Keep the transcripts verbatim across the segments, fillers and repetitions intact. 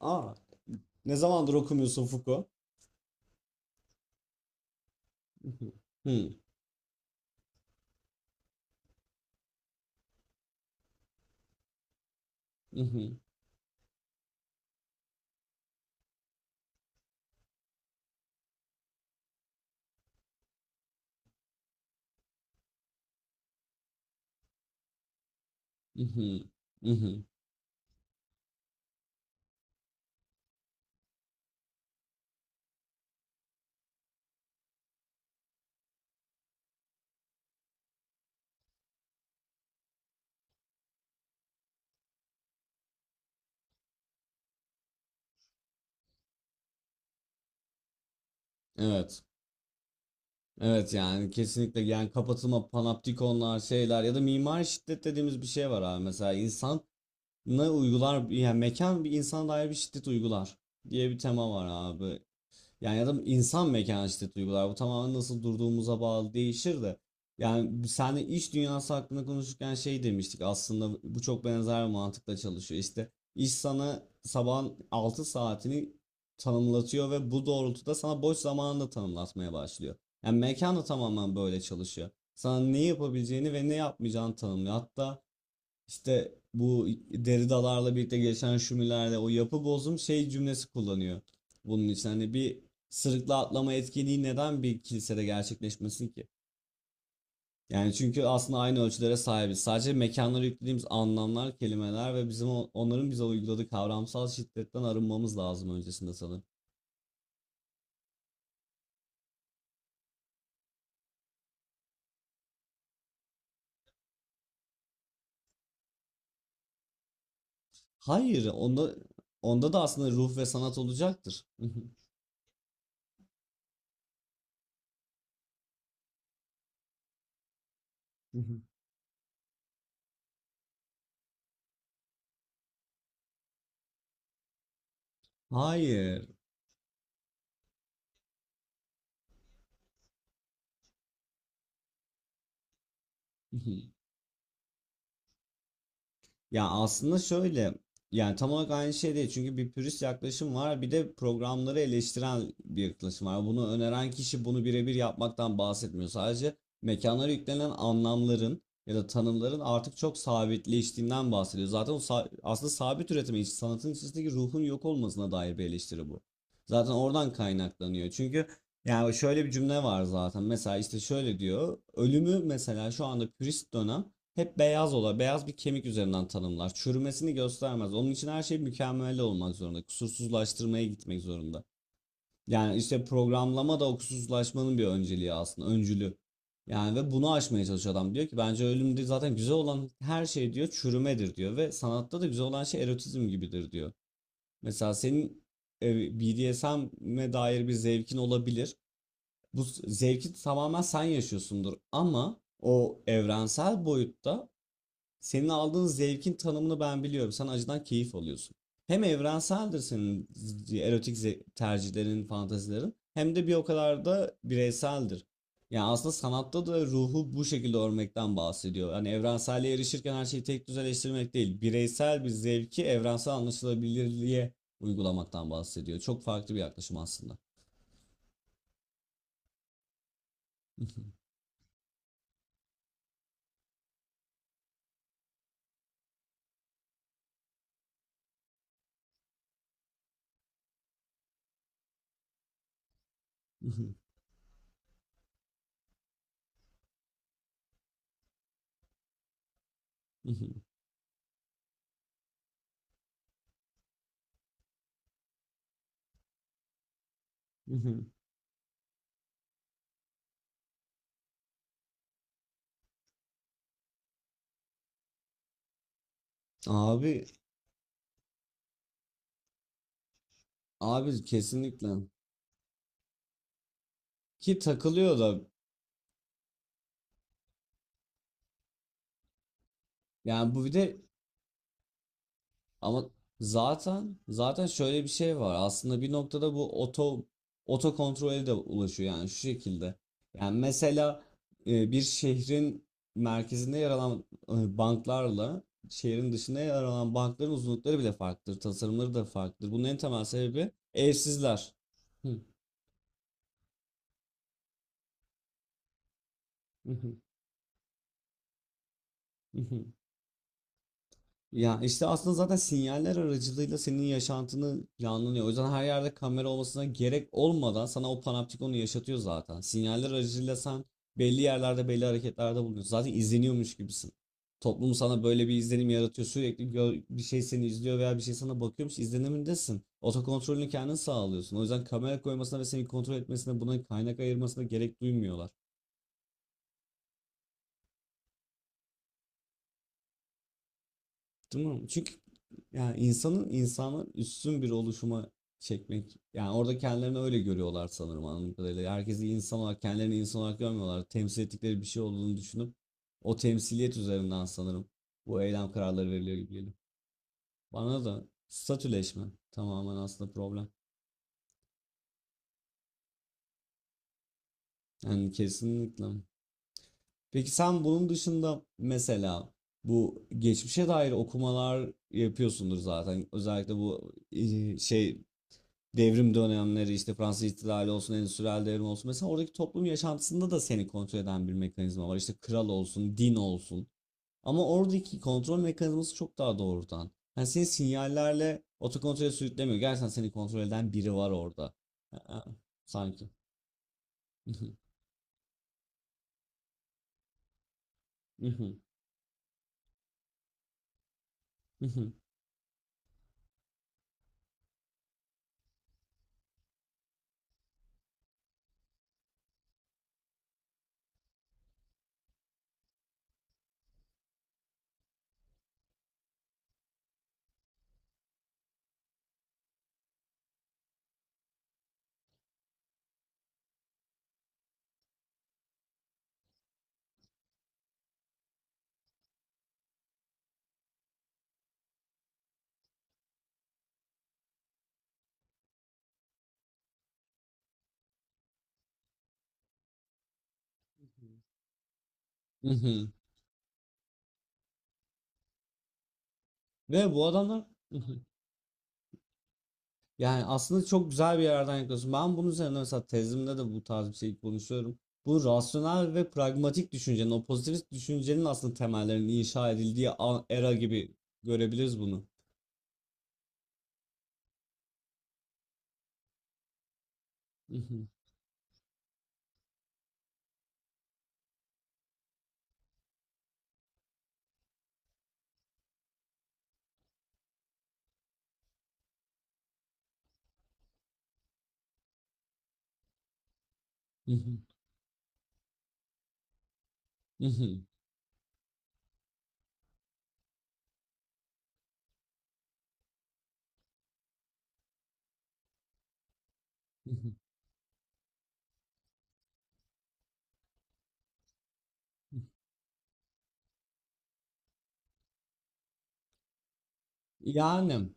Aa, ne zamandır okumuyorsun Foucault? Mhm, hı, mhm, mhm, mhm. Evet. Evet yani kesinlikle yani kapatılma panoptikonlar şeyler ya da mimari şiddet dediğimiz bir şey var abi. Mesela insan ne uygular yani mekan bir insana dair bir şiddet uygular diye bir tema var abi. Yani ya da insan mekanişte duygular. Bu tamamen nasıl durduğumuza bağlı değişir de. Yani seninle iş dünyası hakkında konuşurken şey demiştik. Aslında bu çok benzer bir mantıkla çalışıyor. İşte iş sana sabahın altı saatini tanımlatıyor ve bu doğrultuda sana boş zamanını da tanımlatmaya başlıyor. Yani mekan da tamamen böyle çalışıyor. Sana ne yapabileceğini ve ne yapmayacağını tanımlıyor. Hatta işte bu deri dalarla birlikte gelişen şumilerle o yapı bozum şey cümlesi kullanıyor. Bunun için hani bir sırıkla atlama etkinliği neden bir kilisede gerçekleşmesin ki? Yani çünkü aslında aynı ölçülere sahibiz. Sadece mekanlara yüklediğimiz anlamlar, kelimeler ve bizim o- onların bize uyguladığı kavramsal şiddetten arınmamız lazım öncesinde sanırım. Hayır, onda onda da aslında ruh ve sanat olacaktır. Hayır. Ya aslında şöyle yani tam olarak aynı şey değil çünkü bir pürist yaklaşım var bir de programları eleştiren bir yaklaşım var. Bunu öneren kişi bunu birebir yapmaktan bahsetmiyor. Sadece mekanlara yüklenen anlamların ya da tanımların artık çok sabitleştiğinden bahsediyor. Zaten o sa- aslında sabit üretime iç- sanatın içindeki ruhun yok olmasına dair bir eleştiri bu. Zaten oradan kaynaklanıyor. Çünkü yani şöyle bir cümle var zaten. Mesela işte şöyle diyor. Ölümü mesela şu anda pürist dönem hep beyaz ola, beyaz bir kemik üzerinden tanımlar. Çürümesini göstermez. Onun için her şey mükemmel olmak zorunda. Kusursuzlaştırmaya gitmek zorunda. Yani işte programlama da o kusursuzlaşmanın bir önceliği aslında, öncülü. Yani ve bunu aşmaya çalışıyor adam. Diyor ki bence ölümde zaten güzel olan her şey diyor çürümedir diyor ve sanatta da güzel olan şey erotizm gibidir diyor. Mesela senin e, B D S M'e dair bir zevkin olabilir. Bu zevki tamamen sen yaşıyorsundur ama o evrensel boyutta senin aldığın zevkin tanımını ben biliyorum. Sen acıdan keyif alıyorsun. Hem evrenseldir senin erotik ze- tercihlerin, fantazilerin hem de bir o kadar da bireyseldir. Yani aslında sanatta da ruhu bu şekilde örmekten bahsediyor. Yani evrenselliğe erişirken her şeyi tek düzeleştirmek değil, bireysel bir zevki evrensel anlaşılabilirliğe uygulamaktan bahsediyor. Çok farklı bir yaklaşım aslında. Abi, abi kesinlikle. Ki takılıyor da yani bu bir de. Ama zaten zaten şöyle bir şey var. Aslında bir noktada bu oto oto kontrole de ulaşıyor yani şu şekilde. Yani mesela e, bir şehrin merkezinde yer alan e, banklarla şehrin dışında yer alan bankların uzunlukları bile farklıdır, tasarımları da farklıdır. Bunun en temel sebebi evsizler. Ya işte aslında zaten sinyaller aracılığıyla senin yaşantını planlanıyor. O yüzden her yerde kamera olmasına gerek olmadan sana o panoptikonu yaşatıyor zaten. Sinyaller aracılığıyla sen belli yerlerde belli hareketlerde bulunuyorsun. Zaten izleniyormuş gibisin. Toplum sana böyle bir izlenim yaratıyor. Sürekli gör- bir şey seni izliyor veya bir şey sana bakıyormuş izlenimindesin. Otokontrolünü kendin sağlıyorsun. O yüzden kamera koymasına ve seni kontrol etmesine buna kaynak ayırmasına gerek duymuyorlar. Değil mi? Çünkü yani insanın insanı üstün bir oluşuma çekmek. Yani orada kendilerini öyle görüyorlar sanırım anladığım kadarıyla. Herkesi insan olarak, kendilerini insan olarak görmüyorlar. Temsil ettikleri bir şey olduğunu düşünüp o temsiliyet üzerinden sanırım bu eylem kararları veriliyor gibi geliyor. Bana da statüleşme tamamen aslında problem. Yani kesinlikle. Peki sen bunun dışında mesela bu geçmişe dair okumalar yapıyorsundur zaten. Özellikle bu e, şey devrim dönemleri işte Fransız İhtilali olsun, Endüstriyel Devrim olsun. Mesela oradaki toplum yaşantısında da seni kontrol eden bir mekanizma var. İşte kral olsun, din olsun. Ama oradaki kontrol mekanizması çok daha doğrudan. Yani seni sinyallerle otokontrole sürüklemiyor. Gerçekten seni kontrol eden biri var orada. Aa, sanki. Ve bu adamlar yani aslında çok güzel bir yerden yaklaşıyorsun. Ben bunun üzerine mesela tezimde de bu tarz bir şey konuşuyorum. Bu rasyonel ve pragmatik düşüncenin, o pozitivist düşüncenin aslında temellerinin inşa edildiği a- era gibi görebiliriz bunu. Yani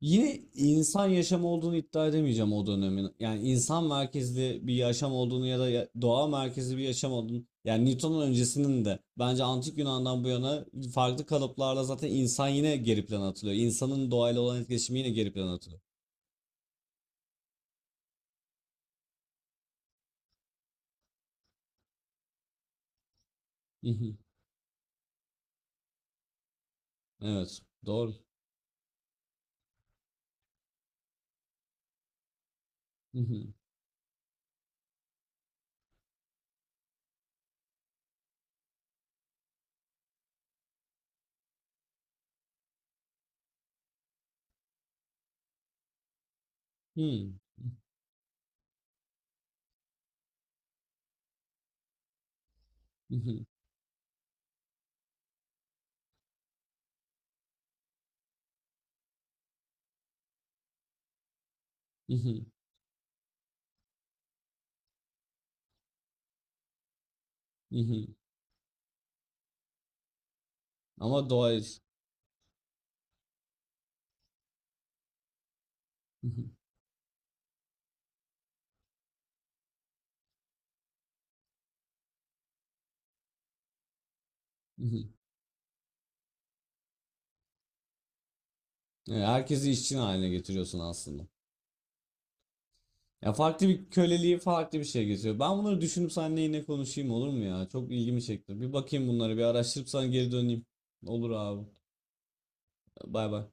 yine insan yaşamı olduğunu iddia edemeyeceğim o dönemin. Yani insan merkezli bir yaşam olduğunu ya da ya- doğa merkezli bir yaşam olduğunu. Yani Newton'un öncesinin de bence antik Yunan'dan bu yana farklı kalıplarla zaten insan yine geri plana atılıyor. İnsanın doğayla olan etkileşimi yine geri plana atılıyor. Mhm. Evet, doğru. Mhm. Hmm. Mhm. Mhm. Mhm. Ama doğayı. Mhm. Mhm. Yani herkesi işçi haline getiriyorsun aslında. Ya farklı bir köleliği farklı bir şey getiriyor. Ben bunları düşünüp seninle yine konuşayım olur mu ya? Çok ilgimi çekti. Bir bakayım bunlara bir araştırıp sana geri döneyim. Olur abi. Bay bay.